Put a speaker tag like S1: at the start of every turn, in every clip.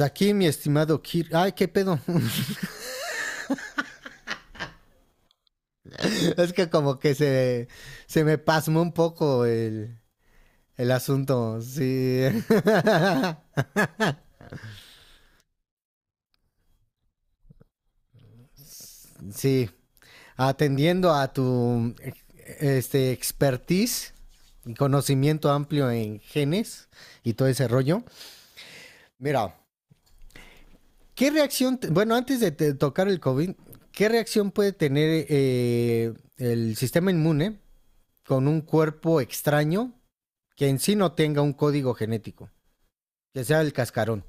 S1: Aquí, mi estimado Kir. Ay, qué pedo. Es que como que se me pasmó un poco el asunto. Sí. sí. Atendiendo a tu expertise y conocimiento amplio en genes y todo ese rollo. Mira, ¿qué reacción? Bueno, antes de tocar el COVID, ¿qué reacción puede tener el sistema inmune con un cuerpo extraño que en sí no tenga un código genético, que sea el cascarón.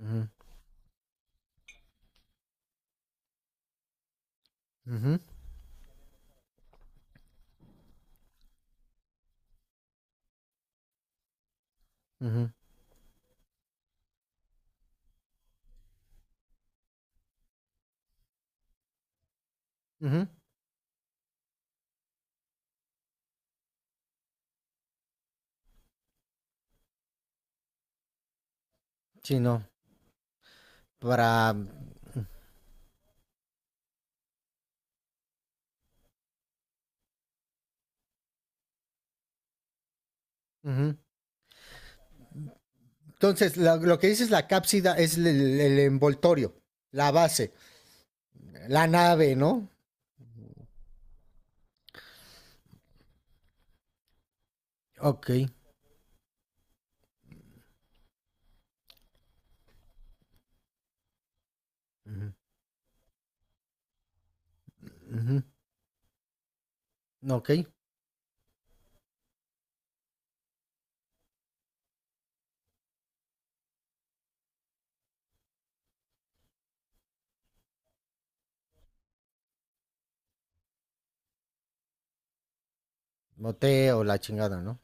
S1: Ujú, ujú, ujú, ujú. Sí, no, para. Ujú. Entonces, lo, que dices la cápsida es el envoltorio, la base, la nave, ¿no? Ok, ujú, ok, moteo, la chingada, ¿no?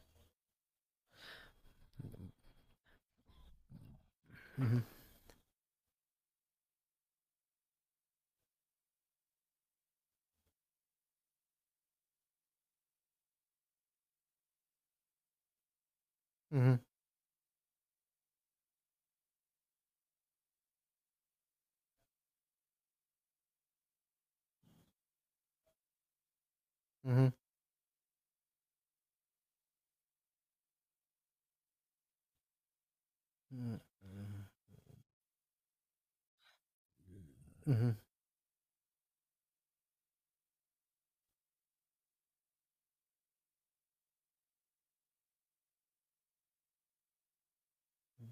S1: Ujú, ujú, ujú.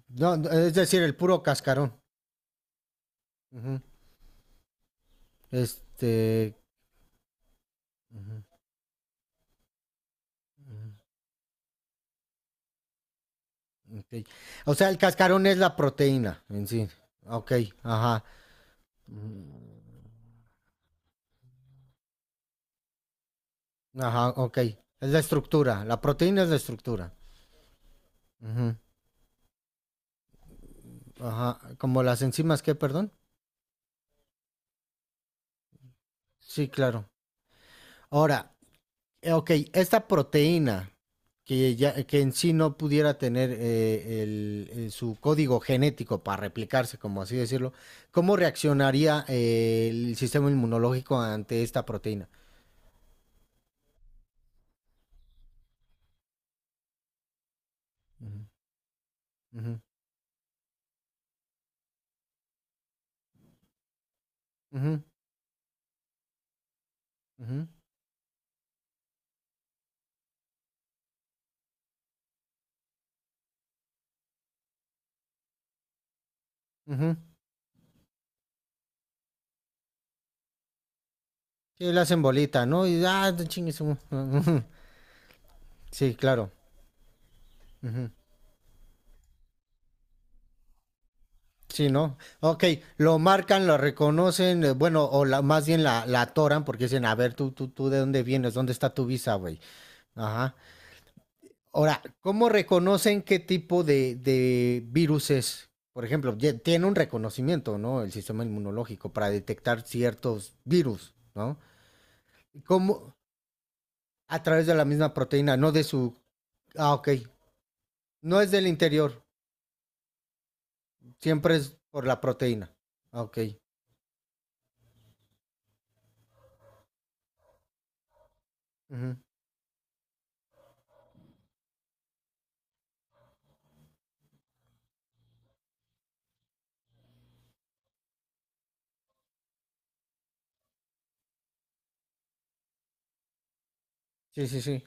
S1: No, no, es decir, el puro cascarón. Ujú. Este... ujú, ujú, ok. O sea, el cascarón es la proteína en sí. Ok, ajá. Mm. Ajá, ok. Es la estructura. La proteína es la estructura. Ujú, ajá. Como las enzimas, ¿qué, perdón? Sí, claro. Ahora, ok, esta proteína que, ya, que en sí no pudiera tener su código genético para replicarse, como así decirlo, ¿cómo reaccionaría el sistema inmunológico ante esta proteína? Ujú, ujú, ujú, ujú. Ujú. Sí, la hacen bolita, ¿no? Y ah, chingue su- Sí, claro. Sí, ¿no? Ok, lo marcan, lo reconocen, bueno, o la, más bien la atoran porque dicen, a ver, tú, ¿de dónde vienes? ¿Dónde está tu visa, güey? Ajá. Ahora, ¿cómo reconocen qué tipo de virus es? Por ejemplo, tiene un reconocimiento, ¿no? El sistema inmunológico para detectar ciertos virus, ¿no? ¿Cómo? A través de la misma proteína, no de su. Ah, ok. No es del interior, siempre es por la proteína. Ah, ok. Ujú. Sí, sí, sí.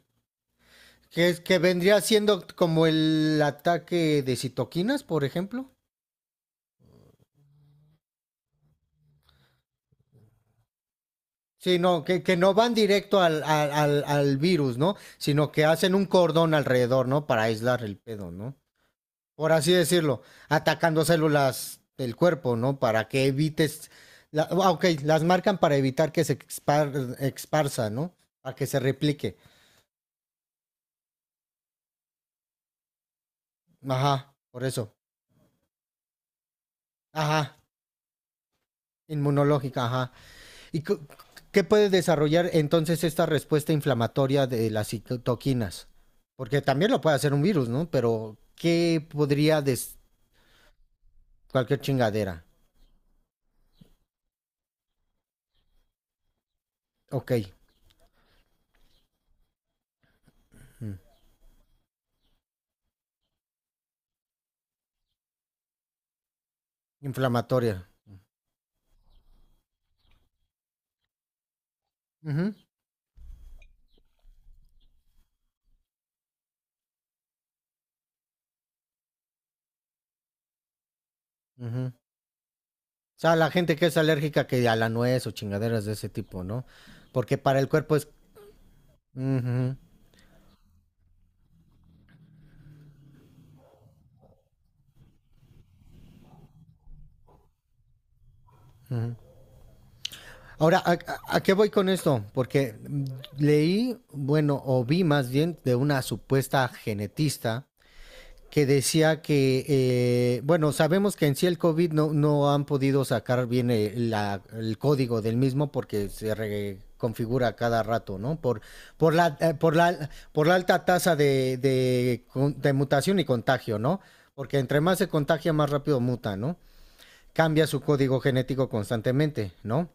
S1: Que vendría siendo como el ataque de citoquinas, por ejemplo. Sí, no, que no van directo al virus, ¿no? Sino que hacen un cordón alrededor, ¿no? Para aislar el pedo, ¿no? Por así decirlo, atacando células del cuerpo, ¿no? Para que evites. Ah, ok, las marcan para evitar que se exparsa, ¿no? Para que se replique. Ajá, por eso. Ajá, inmunológica, ajá. ¿Y qué puede desarrollar entonces esta respuesta inflamatoria de las citoquinas? Porque también lo puede hacer un virus, ¿no? Pero ¿qué podría cualquier chingadera? Ok, mm. inflamatoria. Uh -huh. Uh -huh. O sea, la gente que es alérgica que a la nuez o chingaderas de ese tipo, ¿no? Porque para el cuerpo es. Uh -huh. Ahora, ¿a qué voy con esto? Porque leí, bueno, o vi más bien de una supuesta genetista que decía que, bueno, sabemos que en sí el COVID no, no han podido sacar bien el código del mismo porque se reconfigura cada rato, ¿no? Por la alta tasa de mutación y contagio, ¿no? Porque entre más se contagia, más rápido muta, ¿no? Cambia su código genético constantemente, ¿no?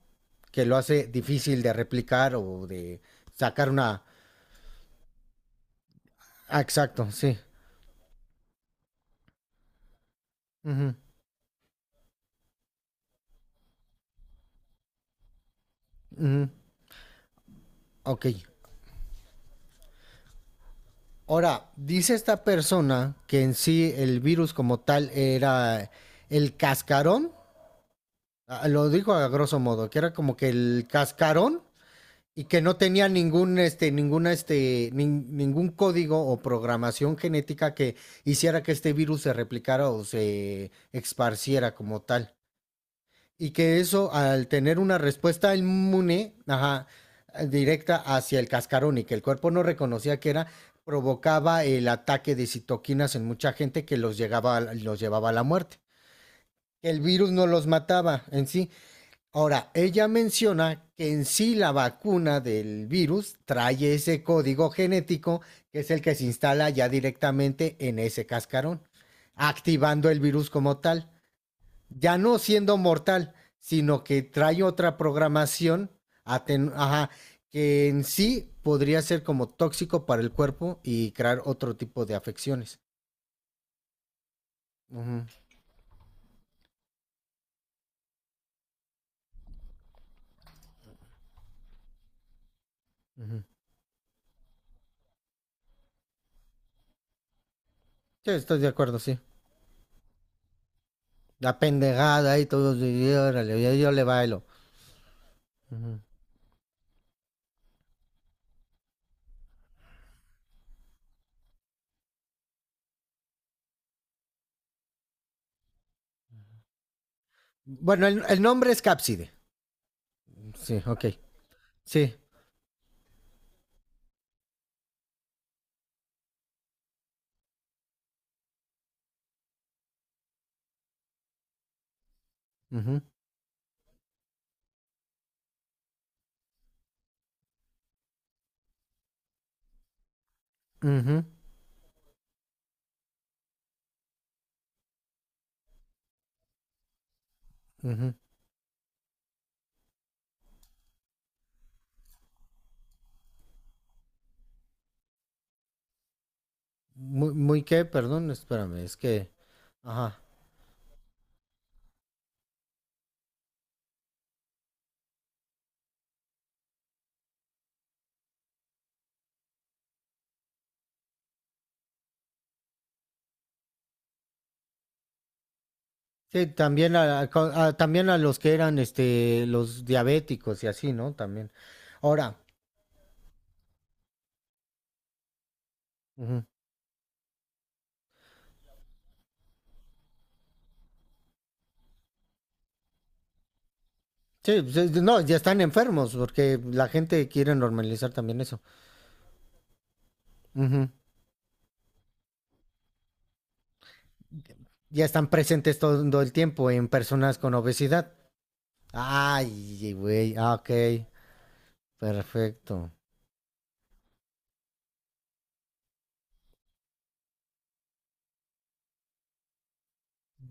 S1: Que lo hace difícil de replicar o de sacar una. Ah, exacto, sí. Ujú, ujú. Ok. Ahora, dice esta persona que en sí el virus como tal era el cascarón, ah, lo dijo a grosso modo, que era como que el cascarón y que no tenía ningún este ninguna este nin- ningún código o programación genética que hiciera que este virus se replicara o se esparciera como tal y que eso al tener una respuesta inmune, ajá, directa hacia el cascarón y que el cuerpo no reconocía que era, provocaba el ataque de citoquinas en mucha gente que los llevaba a la muerte. El virus no los mataba en sí. Ahora, ella menciona que en sí la vacuna del virus trae ese código genético que es el que se instala ya directamente en ese cascarón, activando el virus como tal ya no siendo mortal, sino que trae otra programación ajá, que en sí podría ser como tóxico para el cuerpo y crear otro tipo de afecciones. Ujú, ujú. Sí, estoy de acuerdo, sí. La pendejada y todo, y órale, yo le bailo. Ujú. Bueno, el nombre es Cápside. Sí, ok. Sí. Ujú, ujú, ujú. Muy, muy qué, perdón, espérame, es que. Ajá. Sí, también también a los que eran los diabéticos y así, ¿no? También. Ahora, ujú. Sí, pues, no, ya están enfermos porque la gente quiere normalizar también eso. Ujú. Ya están presentes todo el tiempo en personas con obesidad. Ay, güey, ah, ok, perfecto.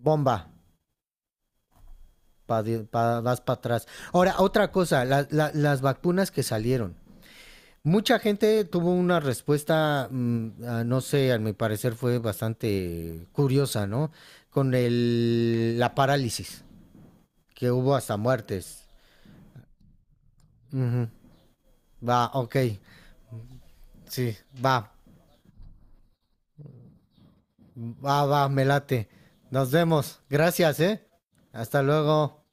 S1: Bomba, vas para atrás. Ahora, otra cosa, las vacunas que salieron. Mucha gente tuvo una respuesta, no sé, a mi parecer fue bastante curiosa, ¿no? Con la parálisis, que hubo hasta muertes. Ujú. Va, ok, sí, va, va, va, me late. Nos vemos, gracias, ¿eh? Hasta luego.